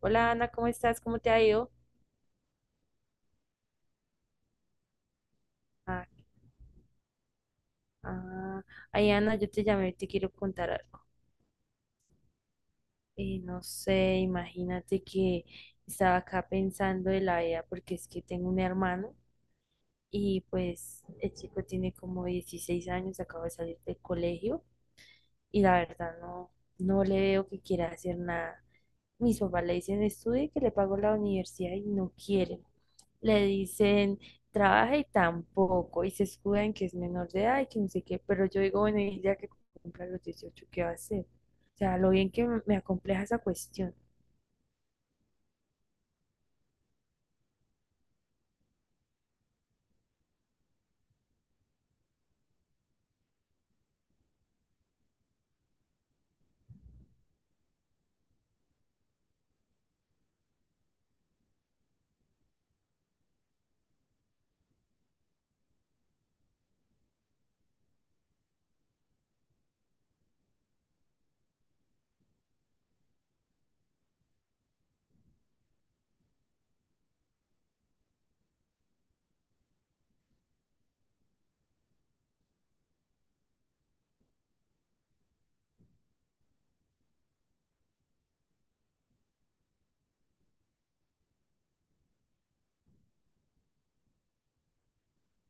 Hola Ana, ¿cómo estás? ¿Cómo te ha ido? Ah, ah, ay Ana, yo te llamé, te quiero contar algo. No sé, imagínate que estaba acá pensando de la vida porque es que tengo un hermano y pues el chico tiene como 16 años, acaba de salir del colegio y la verdad no, no le veo que quiera hacer nada. Mis papás le dicen estudie que le pago la universidad y no quiere. Le dicen, trabaja y tampoco, y se escuda en que es menor de edad y que no sé qué, pero yo digo, bueno, y ya que cumpla los 18, ¿qué va a hacer? O sea, lo bien que me acompleja esa cuestión.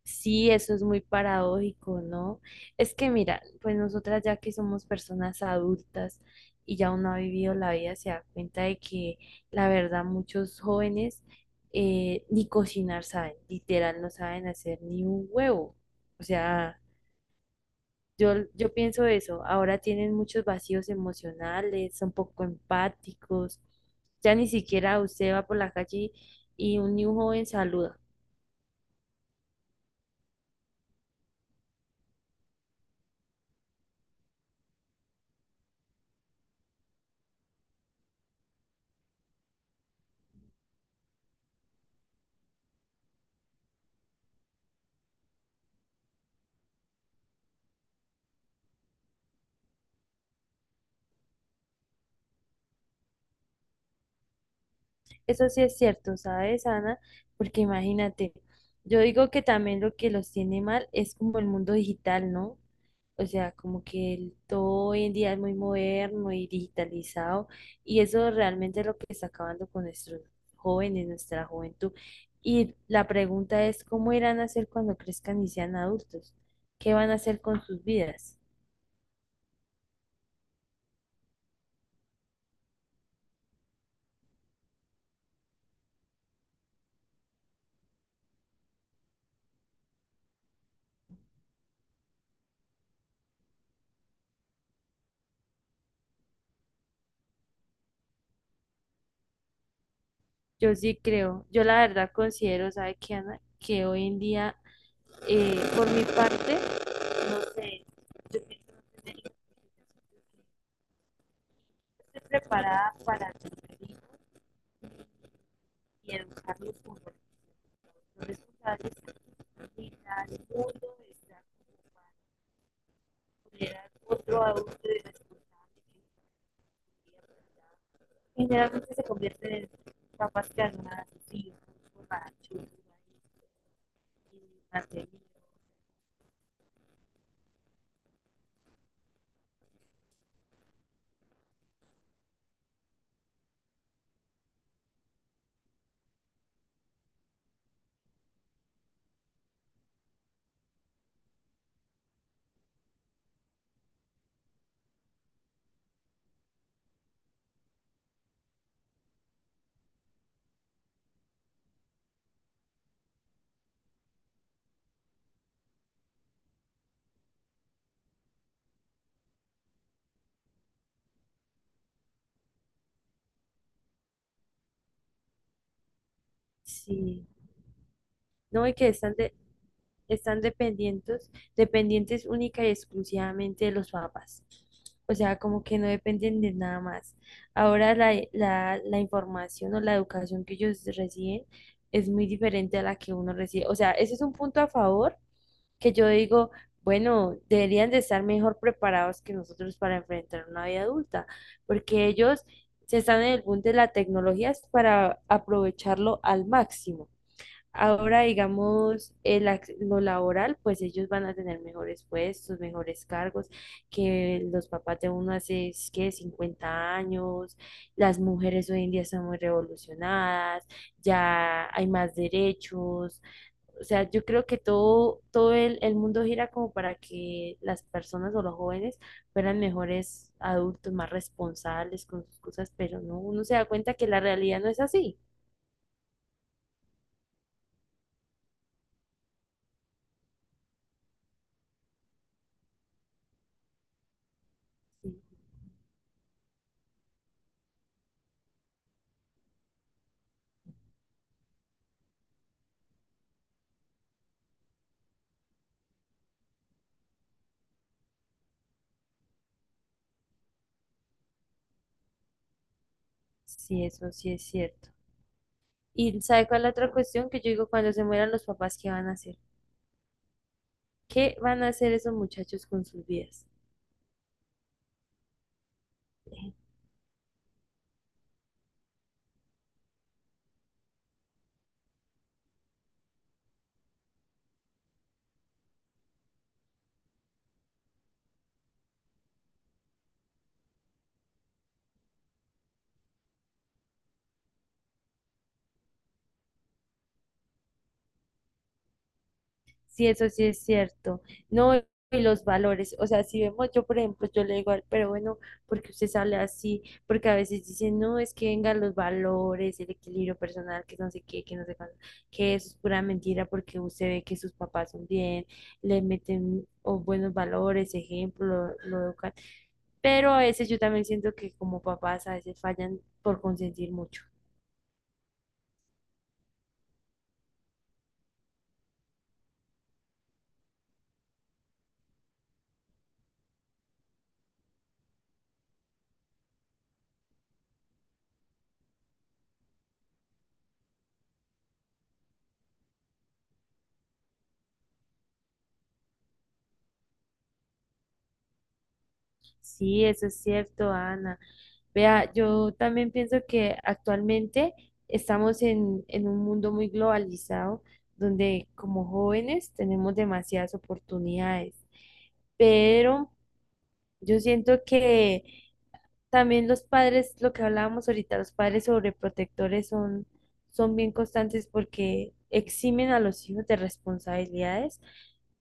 Sí, eso es muy paradójico, ¿no? Es que mira, pues nosotras ya que somos personas adultas y ya uno ha vivido la vida, se da cuenta de que la verdad muchos jóvenes ni cocinar saben, literal no saben hacer ni un huevo. O sea, yo pienso eso, ahora tienen muchos vacíos emocionales, son poco empáticos, ya ni siquiera usted va por la calle y ni un joven saluda. Eso sí es cierto, ¿sabes, Ana? Porque imagínate, yo digo que también lo que los tiene mal es como el mundo digital, ¿no? O sea, como que todo hoy en día es muy moderno y digitalizado y eso realmente es lo que está acabando con nuestros jóvenes, nuestra juventud. Y la pregunta es, ¿cómo irán a hacer cuando crezcan y sean adultos? ¿Qué van a hacer con sus vidas? Yo sí creo, yo la verdad considero, ¿sabe qué, Ana? Que hoy en día, por mi parte, no sé, yo pienso no tener que estar preparada para tener hijos y educarlos como los responsables de la vida, el mundo, estar como para tener a otro adulto y responsable que generalmente se convierten en papás que ayudan a sus hijos, borrachos, y mantenidos. Sí, no, y que están dependientes, dependientes única y exclusivamente de los papás. O sea, como que no dependen de nada más. Ahora la información o la educación que ellos reciben es muy diferente a la que uno recibe. O sea, ese es un punto a favor que yo digo, bueno, deberían de estar mejor preparados que nosotros para enfrentar una vida adulta, porque ellos se están en el punto de la tecnología es para aprovecharlo al máximo. Ahora, digamos, lo laboral, pues ellos van a tener mejores puestos, mejores cargos, que los papás de uno hace, es que 50 años, las mujeres hoy en día están muy revolucionadas, ya hay más derechos, o sea, yo creo que todo el mundo gira como para que las personas o los jóvenes fueran mejores adultos, más responsables con sus cosas, pero no, uno se da cuenta que la realidad no es así. Sí, sí, eso sí es cierto. Y ¿sabe cuál es la otra cuestión? Que yo digo, cuando se mueran los papás, ¿qué van a hacer? ¿Qué van a hacer esos muchachos con sus vidas? Sí, eso sí es cierto. No, y los valores. O sea, si vemos, yo por ejemplo, yo le digo, al, pero bueno, porque usted sale así, porque a veces dicen, no, es que vengan los valores, el equilibrio personal, que no sé qué, que no sé cuándo, que eso es pura mentira porque usted ve que sus papás son bien, le meten oh, buenos valores, ejemplo, lo educan. Pero a veces yo también siento que como papás a veces fallan por consentir mucho. Sí, eso es cierto, Ana. Vea, yo también pienso que actualmente estamos en un mundo muy globalizado donde como jóvenes tenemos demasiadas oportunidades, pero yo siento que también los padres, lo que hablábamos ahorita, los padres sobreprotectores son bien constantes porque eximen a los hijos de responsabilidades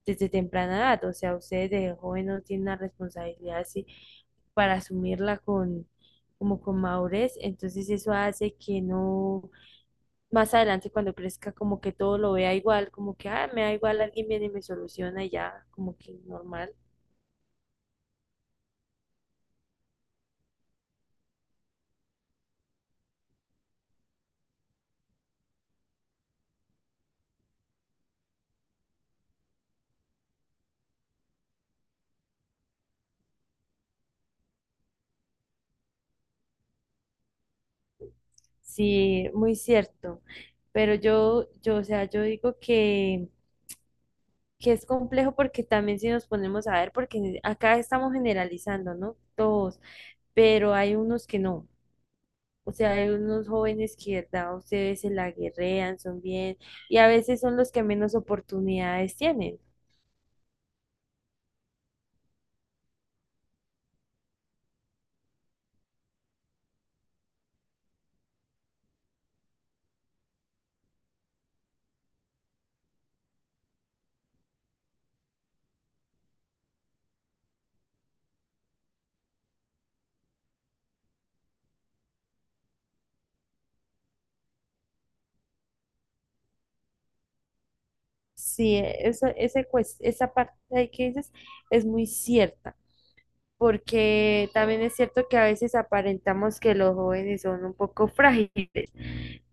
desde temprana edad. O sea, ustedes de joven no tienen la responsabilidad así para asumirla como con madurez. Entonces eso hace que no, más adelante cuando crezca, como que todo lo vea igual, como que, ah, me da igual, alguien viene y me soluciona y ya, como que normal. Sí, muy cierto. Pero o sea, yo digo que es complejo porque también si nos ponemos a ver, porque acá estamos generalizando, ¿no? Todos, pero hay unos que no. O sea, hay unos jóvenes que, ¿verdad? Ustedes se la guerrean, son bien, y a veces son los que menos oportunidades tienen. Sí, esa parte ahí que dices es muy cierta, porque también es cierto que a veces aparentamos que los jóvenes son un poco frágiles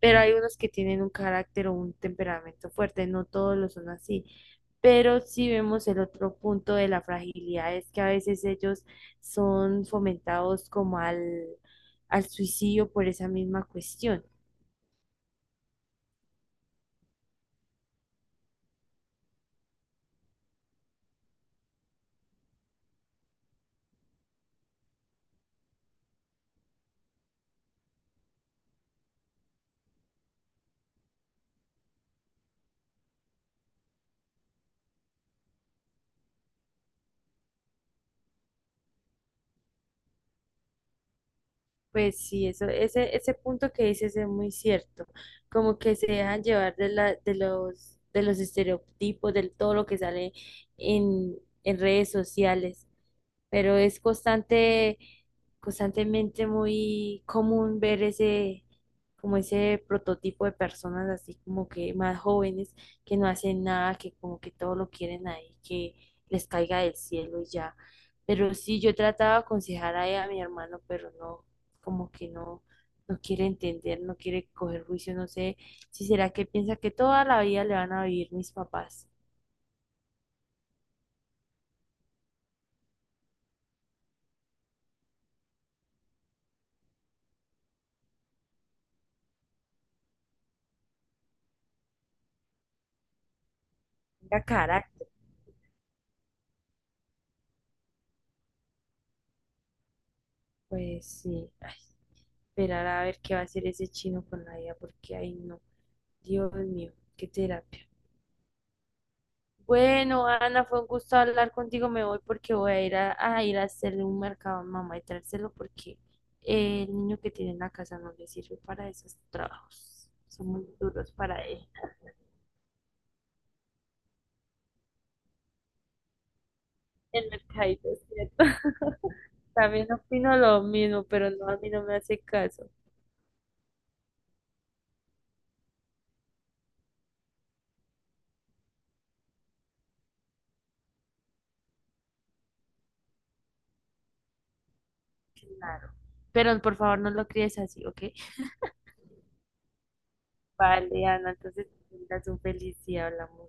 pero hay unos que tienen un carácter o un temperamento fuerte, no todos lo son así. Pero si vemos el otro punto de la fragilidad es que a veces ellos son fomentados como al suicidio por esa misma cuestión. Pues sí, ese punto que dices es muy cierto, como que se dejan llevar de los estereotipos, de todo lo que sale en, en redes sociales. Pero es constantemente muy común ver ese, como ese prototipo de personas así como que más jóvenes que no hacen nada, que como que todo lo quieren ahí, que les caiga del cielo y ya. Pero sí, yo trataba de aconsejar ahí a mi hermano, pero no, como que no, no quiere entender, no quiere coger juicio, no sé si será que piensa que toda la vida le van a vivir mis papás. Tenga carácter. Pues sí, ay, esperar a ver qué va a hacer ese chino con la vida, porque ahí no, Dios mío, qué terapia. Bueno, Ana, fue un gusto hablar contigo. Me voy porque voy a, ir a hacerle un mercado a mamá y traérselo porque el niño que tiene en la casa no le sirve para esos trabajos. Son muy duros para él. El mercadito, ¿cierto? También opino lo mismo, pero no, a mí no me hace caso. Claro. Pero por favor no lo críes así, ¿ok? Vale, Ana, entonces, que tengas un feliz día. Hablamos.